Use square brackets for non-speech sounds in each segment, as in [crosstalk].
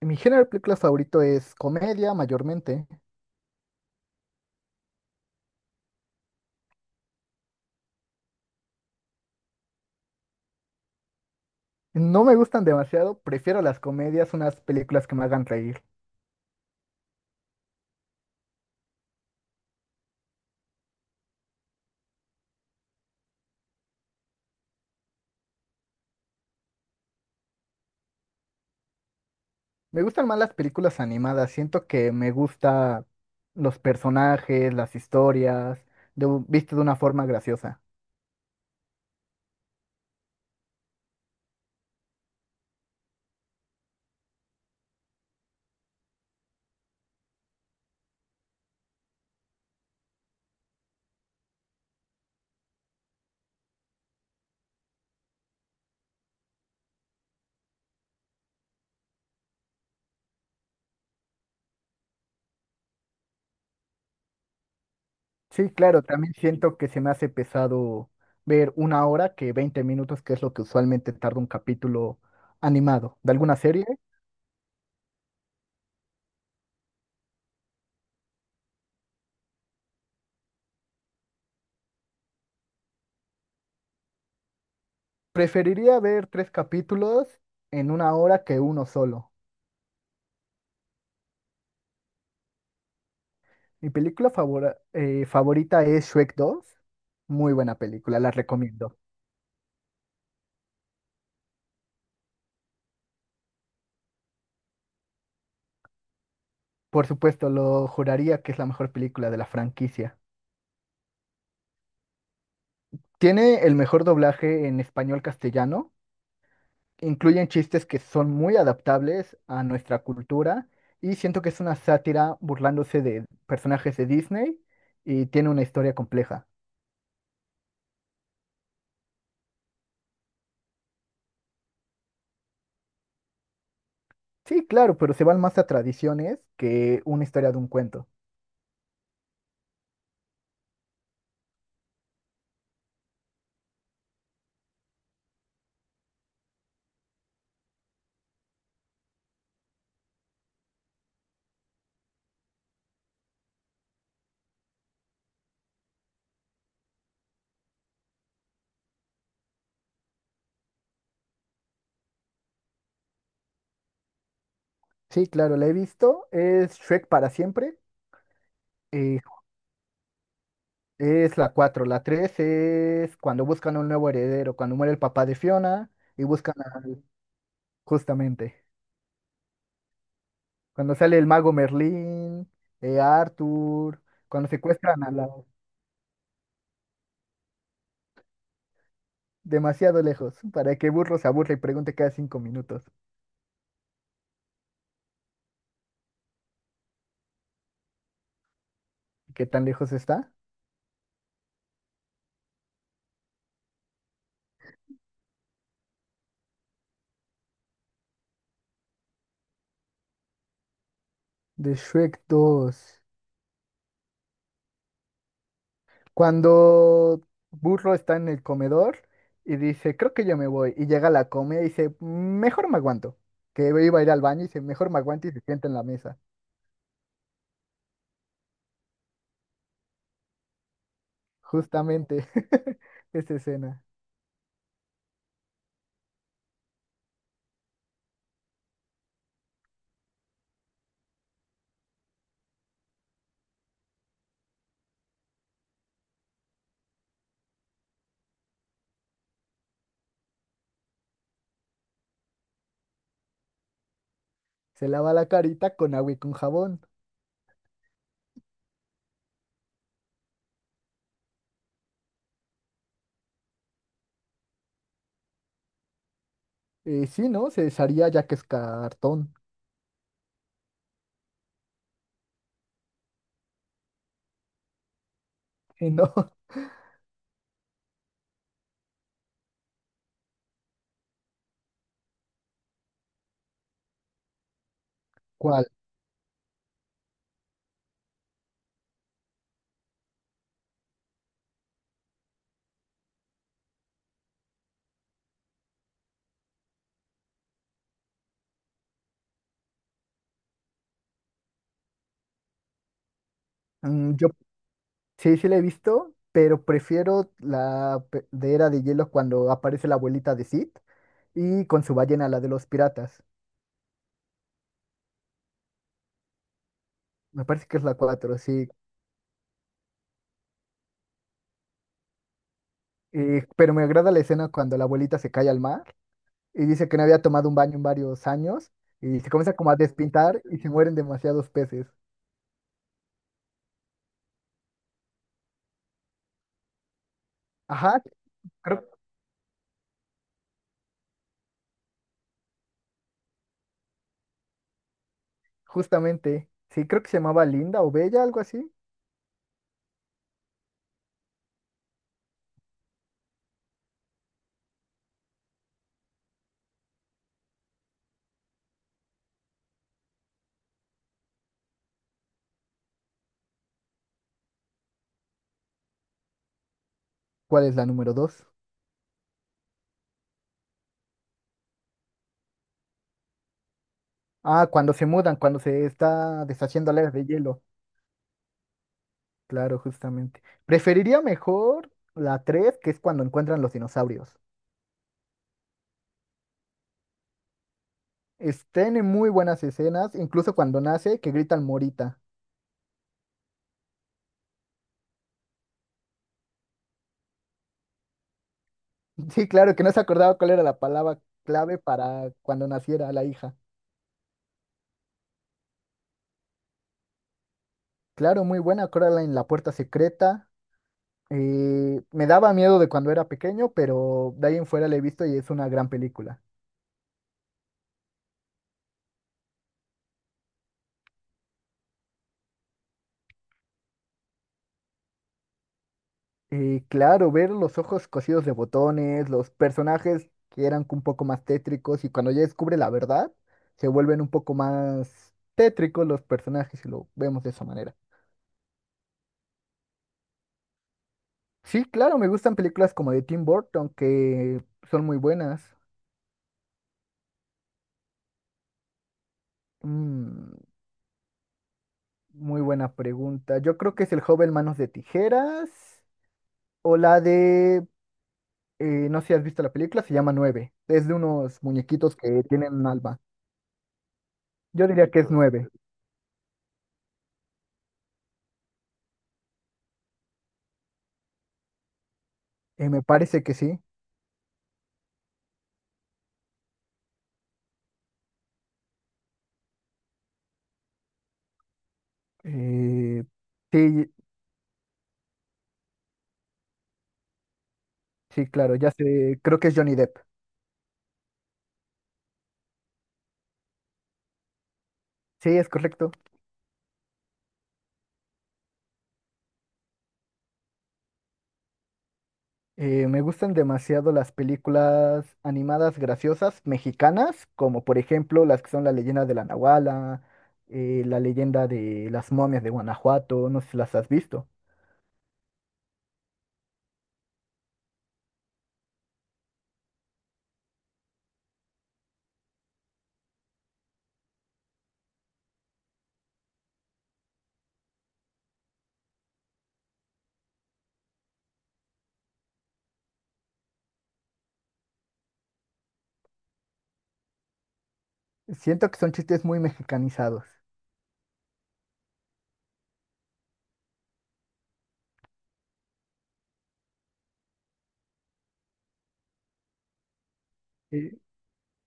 Mi género de películas favorito es comedia, mayormente. No me gustan demasiado, prefiero las comedias, unas películas que me hagan reír. Me gustan más las películas animadas, siento que me gusta los personajes, las historias, de, visto de una forma graciosa. Sí, claro, también siento que se me hace pesado ver una hora que 20 minutos, que es lo que usualmente tarda un capítulo animado de alguna serie. Preferiría ver tres capítulos en una hora que uno solo. Mi película favorita es Shrek 2. Muy buena película, la recomiendo. Por supuesto, lo juraría que es la mejor película de la franquicia. Tiene el mejor doblaje en español castellano. Incluyen chistes que son muy adaptables a nuestra cultura y siento que es una sátira burlándose de personajes de Disney y tiene una historia compleja. Sí, claro, pero se van más a tradiciones que una historia de un cuento. Sí, claro, la he visto. Es Shrek para siempre. eh, Es la cuatro. La 3 es cuando buscan un nuevo heredero, cuando muere el papá de Fiona y buscan justamente. Cuando sale el mago Merlín, Arthur, cuando secuestran a la... demasiado lejos, para que Burro se aburra y pregunte cada 5 minutos. ¿Qué tan lejos está? De Shrek 2. Cuando Burro está en el comedor y dice, creo que yo me voy, y llega a la comida y dice, mejor me aguanto. Que iba a ir al baño y dice, mejor me aguanto y se sienta en la mesa. Justamente [laughs] esa escena. Se lava la carita con agua y con jabón. Sí, ¿no? Se desharía ya que es cartón. ¿No? [laughs] ¿Cuál? Yo sí, sí la he visto, pero prefiero la de Era de Hielo cuando aparece la abuelita de Sid y con su ballena, la de los piratas. Me parece que es la cuatro, sí. Pero me agrada la escena cuando la abuelita se cae al mar y dice que no había tomado un baño en varios años y se comienza como a despintar y se mueren demasiados peces. Ajá, creo. Justamente, sí, creo que se llamaba Linda o Bella, algo así. ¿Cuál es la número dos? Ah, cuando se mudan, cuando se está deshaciendo la era de hielo. Claro, justamente. Preferiría mejor la tres, que es cuando encuentran los dinosaurios. Tiene muy buenas escenas, incluso cuando nace, que gritan Morita. [laughs] Sí, claro, que no se acordaba cuál era la palabra clave para cuando naciera la hija. Claro, muy buena, acuérdala en la puerta secreta. Me daba miedo de cuando era pequeño, pero de ahí en fuera la he visto y es una gran película. Y claro, ver los ojos cosidos de botones, los personajes que eran un poco más tétricos y cuando ya descubre la verdad, se vuelven un poco más tétricos los personajes y lo vemos de esa manera. Sí, claro, me gustan películas como de Tim Burton que son muy buenas. Mm, Muy buena pregunta. Yo creo que es El joven manos de tijeras o la de, no sé si has visto la película, se llama Nueve. Es de unos muñequitos que tienen un alma. Yo diría que es Nueve. Me parece que sí. Eh, sí, sí, claro, ya sé, creo que es Johnny Depp. Sí, es correcto. Me gustan demasiado las películas animadas graciosas mexicanas, como por ejemplo las que son La leyenda de la Nahuala, La leyenda de las momias de Guanajuato, no sé si las has visto. Siento que son chistes muy mexicanizados. Eh,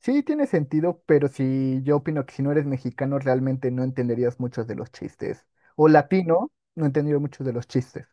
sí, tiene sentido, pero sí, yo opino que si no eres mexicano realmente no entenderías muchos de los chistes. O latino, no entendería muchos de los chistes.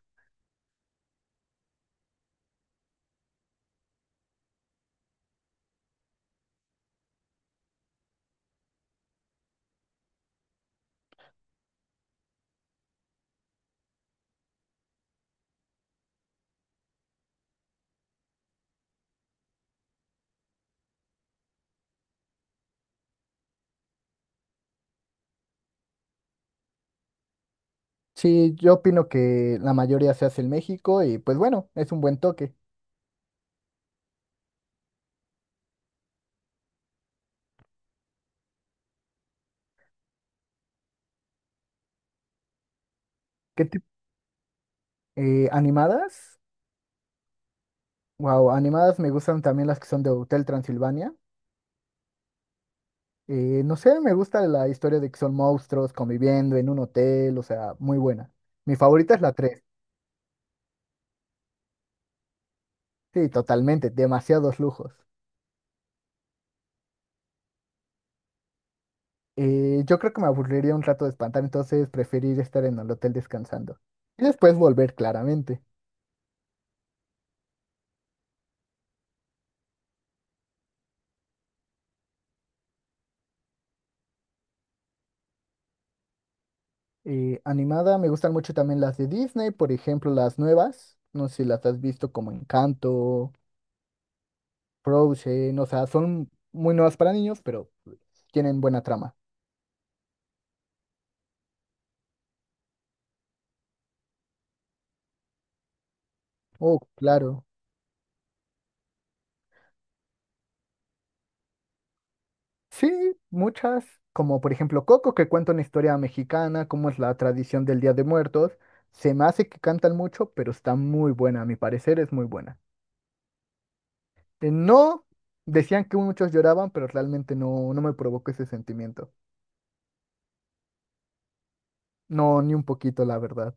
Sí, yo opino que la mayoría se hace en México y pues bueno, es un buen toque. ¿Qué tipo? Animadas. Wow, animadas me gustan también las que son de Hotel Transilvania. No sé, me gusta la historia de que son monstruos conviviendo en un hotel, o sea, muy buena. Mi favorita es la 3. Sí, totalmente, demasiados lujos. Yo creo que me aburriría un rato de espantar, entonces preferir estar en el hotel descansando. Y después volver, claramente. Animada, me gustan mucho también las de Disney, por ejemplo, las nuevas. No sé si las has visto como Encanto, Frozen, o sea, son muy nuevas para niños, pero tienen buena trama. Oh, claro. Sí, muchas, como por ejemplo Coco, que cuenta una historia mexicana, cómo es la tradición del Día de Muertos. Se me hace que cantan mucho, pero está muy buena, a mi parecer es muy buena. No, decían que muchos lloraban, pero realmente no, no me provocó ese sentimiento. No, ni un poquito, la verdad.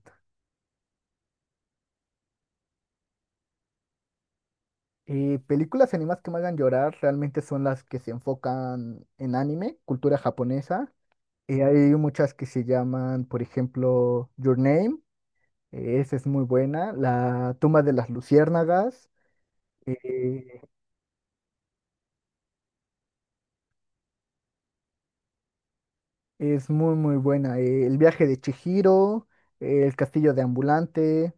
Películas animadas que me hagan llorar realmente son las que se enfocan en anime, cultura japonesa. Hay muchas que se llaman, por ejemplo, Your Name, esa es muy buena. La tumba de las luciérnagas, eh, es muy, muy buena. El viaje de Chihiro, El castillo de Ambulante,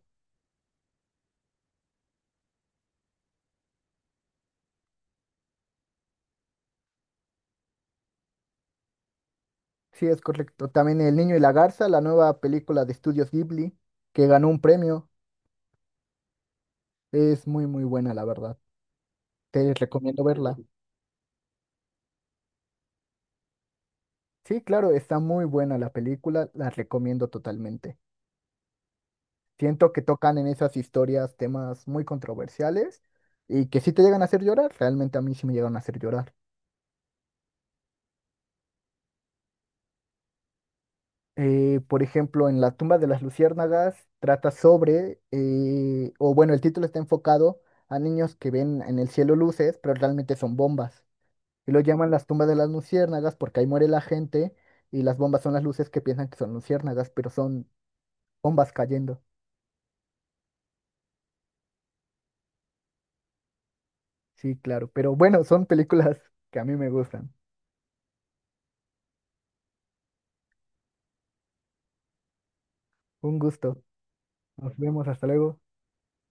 sí, es correcto. También El niño y la garza, la nueva película de Estudios Ghibli, que ganó un premio, es muy, muy buena, la verdad. Te recomiendo verla. Sí, claro, está muy buena la película, la recomiendo totalmente. Siento que tocan en esas historias temas muy controversiales y que sí te llegan a hacer llorar, realmente a mí sí me llegan a hacer llorar. Por ejemplo, en La tumba de las luciérnagas trata sobre, o bueno, el título está enfocado a niños que ven en el cielo luces, pero realmente son bombas. Y lo llaman las tumbas de las luciérnagas porque ahí muere la gente y las bombas son las luces que piensan que son luciérnagas, pero son bombas cayendo. Sí, claro. Pero bueno, son películas que a mí me gustan. Un gusto. Nos vemos. Hasta luego.